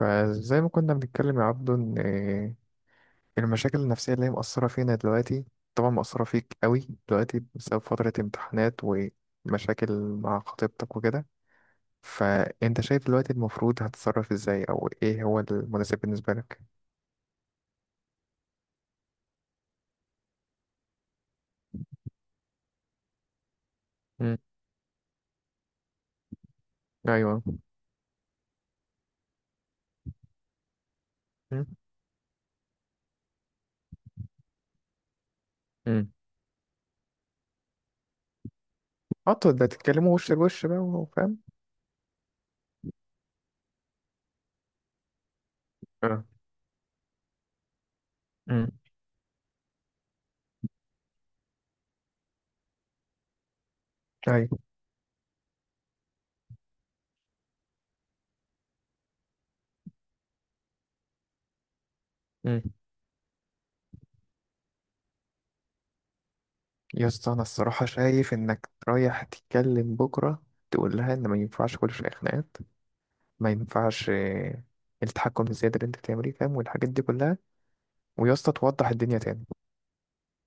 فزي ما كنا بنتكلم يا عبدو ان المشاكل النفسية اللي هي مأثرة فينا دلوقتي، طبعا مأثرة فيك قوي دلوقتي بسبب فترة امتحانات ومشاكل مع خطيبتك وكده. فانت شايف دلوقتي المفروض هتتصرف ازاي، او ايه هو المناسب بالنسبة لك؟ مم. ايوه. مم. مم. انتوا ده تتكلموا وش لوش بقى وفاهم. اه. مم. ايوه. مم. يا اسطى انا الصراحة شايف انك رايح تتكلم بكرة، تقول لها ان ما ينفعش كل شوية خناقات، ما ينفعش التحكم الزيادة اللي انت بتعمليه، فاهم، والحاجات دي كلها. ويا اسطى توضح الدنيا تاني.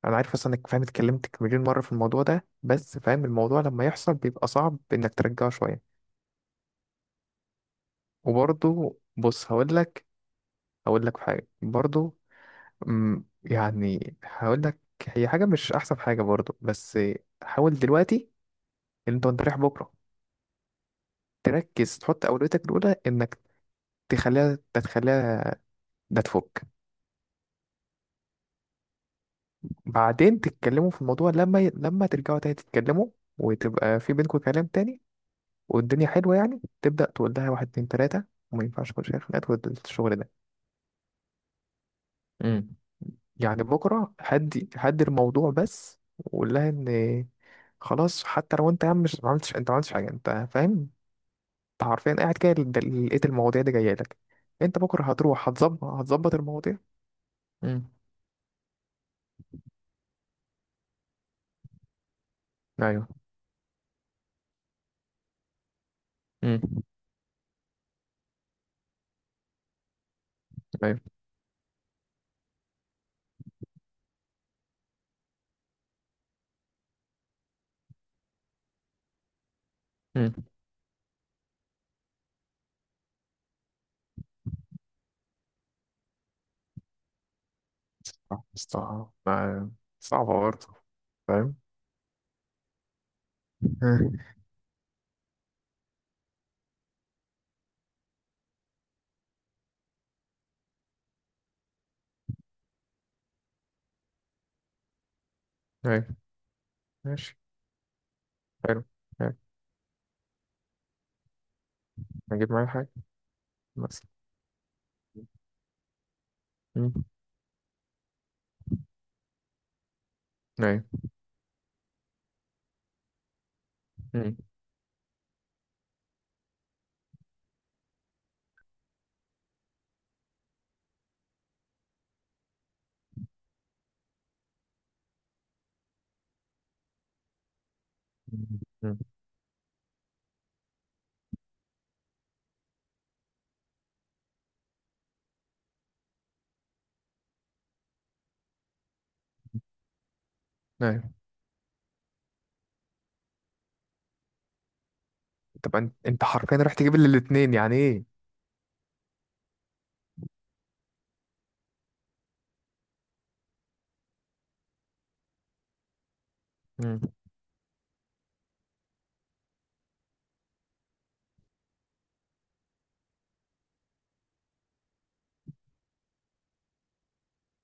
انا عارف اصلا انك فاهم، اتكلمت مليون مرة في الموضوع ده، بس فاهم الموضوع لما يحصل بيبقى صعب انك ترجعه شوية. وبرضه بص هقول لك حاجة برضه. يعني هقول لك. هي حاجة مش احسن حاجة برضه، بس حاول دلوقتي ان انت وانت رايح بكرة تركز، تحط اولويتك الاولى انك تتخليها، ده تفك. بعدين تتكلموا في الموضوع لما لما ترجعوا تاني تتكلموا، وتبقى في بينكم كلام تاني والدنيا حلوة، يعني تبدأ تقول لها واحد اتنين تلاتة، وما ينفعش كل شوية خناقات والشغل ده. امم. يعني بكرة هدي الموضوع بس، وقول لها ان خلاص، حتى لو انت يا عم مش ما عملتش، انت ما عملتش حاجة، انت فاهم، انت حرفيا قاعد كده لقيت المواضيع دي جاية لك. انت بكرة هتروح، هتظبط المواضيع. امم. ايوه. امم. ايوه. امم. صح، صح، صعبة برضه. فاهم. مم. أيوة. ماشي. حلو. حلو. هجيب معايا حاجة مثلا. مم. أيوة. مم. مم. أيوة. طب أنت حرفيا رايح تجيب لي الاتنين، يعني إيه؟ مم.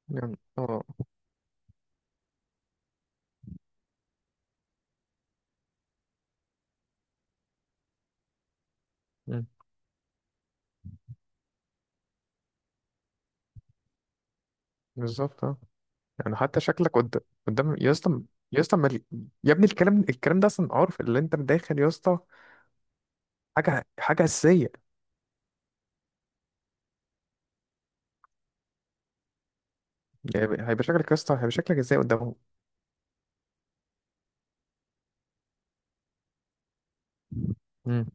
يعني أه. مم. بالظبط أه. يعني حتى شكلك قدام يا اسطى. يا اسطى ما ال- يا ابني الكلام ده أصلا، عارف اللي أنت داخل يا اسطى، حاجة أساسية. يعني هيبقى شكلك يا اسطى، هيبقى شكلك إزاي قدامهم؟ مم.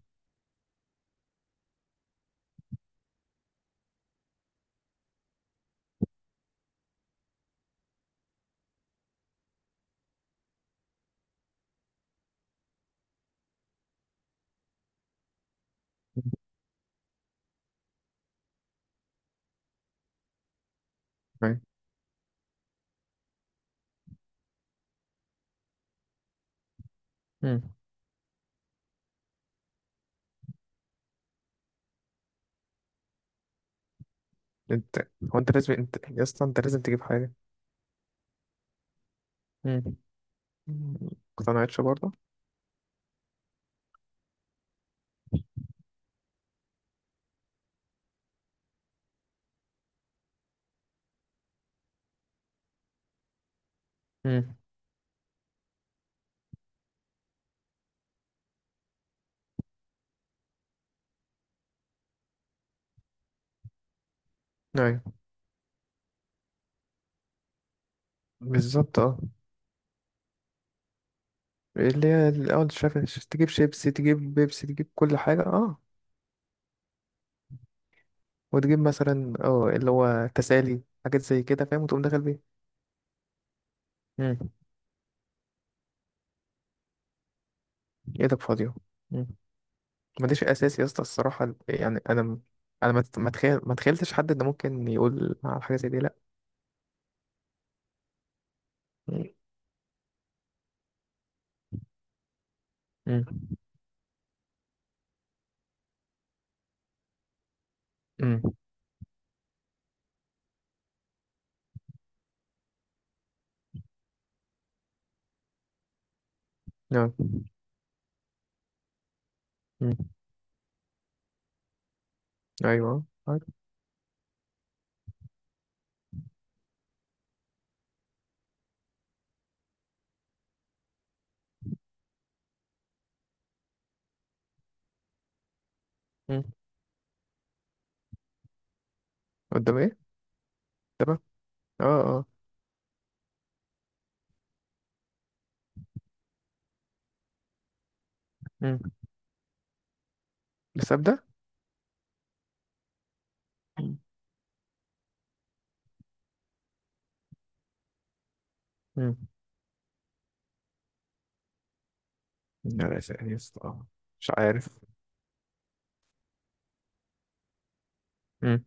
مم. أيوة. مم. أنت أنت يا اسطى، أنت لازم تجيب حاجة. مم. اقتنعتش برضه. مم. ايوه. بالظبط اه. اللي هي الاول شايف. تجيب شيبسي، تجيب بيبسي، تجيب كل حاجه، اه. وتجيب مثلا اه اللي هو تسالي، حاجات زي كده، فاهم، وتقوم داخل بيه. مم. ايدك فاضيه. مم. ماليش اساس يا اسطى الصراحه، يعني انا ما تخيلتش حد انه ممكن يقول على حاجه زي دي، لا. مم. مم. مم. نعم. مم. ايوه عارف. مم. قدام ايه؟ تمام. اه، اه. مم. الحساب ده. مم. لا، لا، يسطا. مش عارف. مم.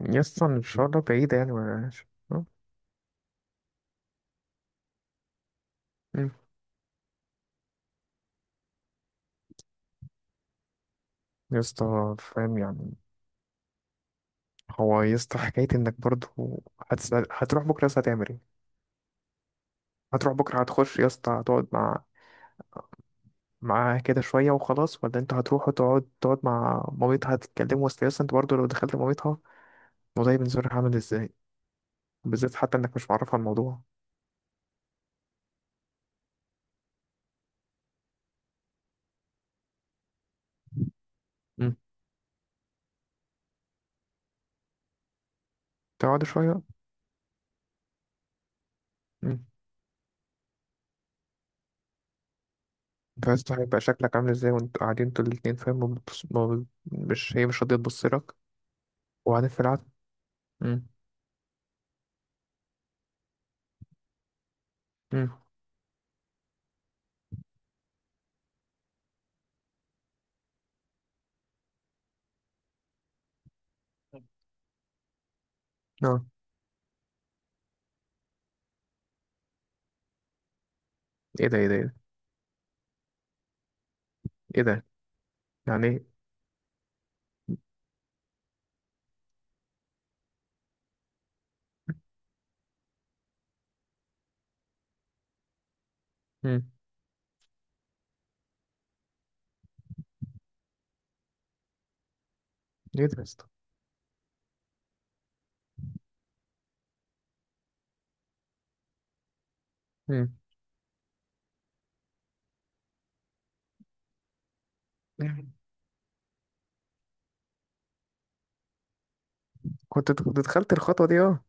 يسطا الشهرة بعيدة يعني ملهاش. يسطا فاهم يعني. هو يسطا حكاية انك برضه هتسأل، هتروح بكرة يسطا هتعمل ايه؟ هتروح بكرة هتخش يسطا، هتقعد معاها كده شوية وخلاص، ولا انت هتروح وتقعد مع مامتها هتتكلموا؟ اصل يسطا انت برضه لو دخلت مامتها، الموضوع بالنسبة لها عامل ازاي، بالذات حتى انك مش معرفها الموضوع. مم. تقعدوا شوية. مم. انت عايز تعرف يبقى شكلك عامل ازاي وانتوا قاعدين انتوا الاتنين، فاهم، ما بتبص- ما ب- مش، هي مش راضية تبص لك، وبعدين في العكس. مم. مم. اه. ايه ده، ايه ده، ايه ده؟ ايه ده؟ يعني ايه؟ مم. ايه ده يا اسطى؟ مم. مم. كنت دخلت الخطوة دي اه.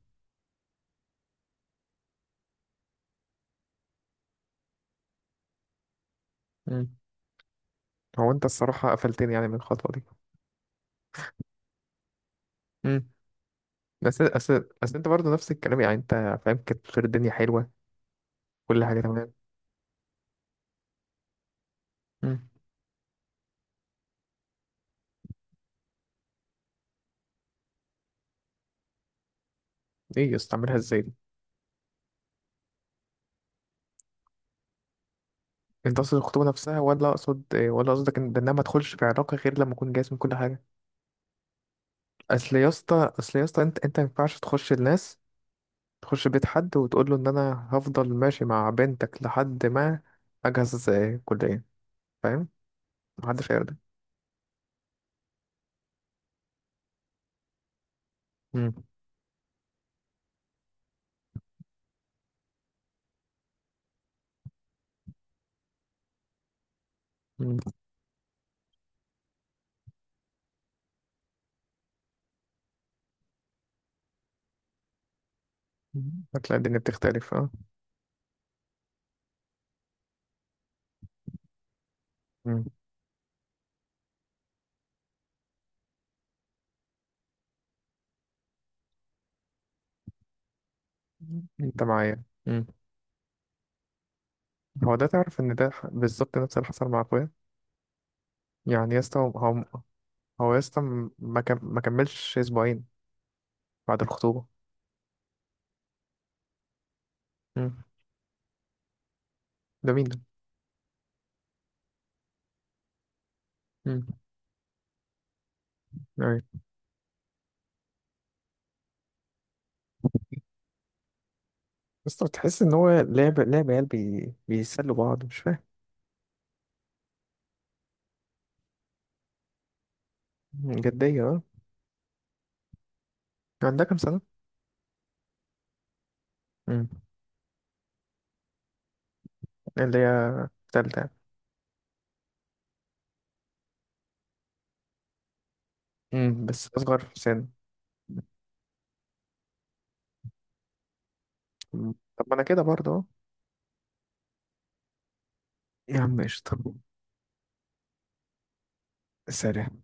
مم. هو انت الصراحة قفلتني يعني من الخطوة دي. مم. بس، بس، بس، انت برضه نفس الكلام، يعني انت فاهم كانت بتصير الدنيا حلوة، كل حاجة تمام. مم. ايه يا اسطى عاملها ازاي دي؟ انت قصد الخطوبة نفسها، ولا اقصد ولا قصدك ان ده ان انا ما ادخلش في علاقة غير لما اكون جاهز من كل حاجة؟ اصل يا اسطى انت ما ينفعش تخش الناس، تخش بيت حد وتقول له ان انا هفضل ماشي مع بنتك لحد ما اجهز كلية. فاهم، محدش هيرضى. مم. مم. هتلاقي الدنيا بتختلف اه. مم. انت معايا. مم. هو ده، تعرف ان بالظبط نفس اللي حصل مع اخويا. يعني يا اسطى هو، هو يا اسطى ما كملش اسبوعين بعد الخطوبة. مم. ده مين ده؟ مم. أيوة. يا اسطى تحس ان هو لعب عيال بيسلوا بعض، مش فاهم. جدية اه. عندها كام سنة؟ مم. اللي هي تالتة يعني. مم. بس أصغر في السن. مم. طب ما أنا كده برضه أهو. يا عم قشطة. سلام.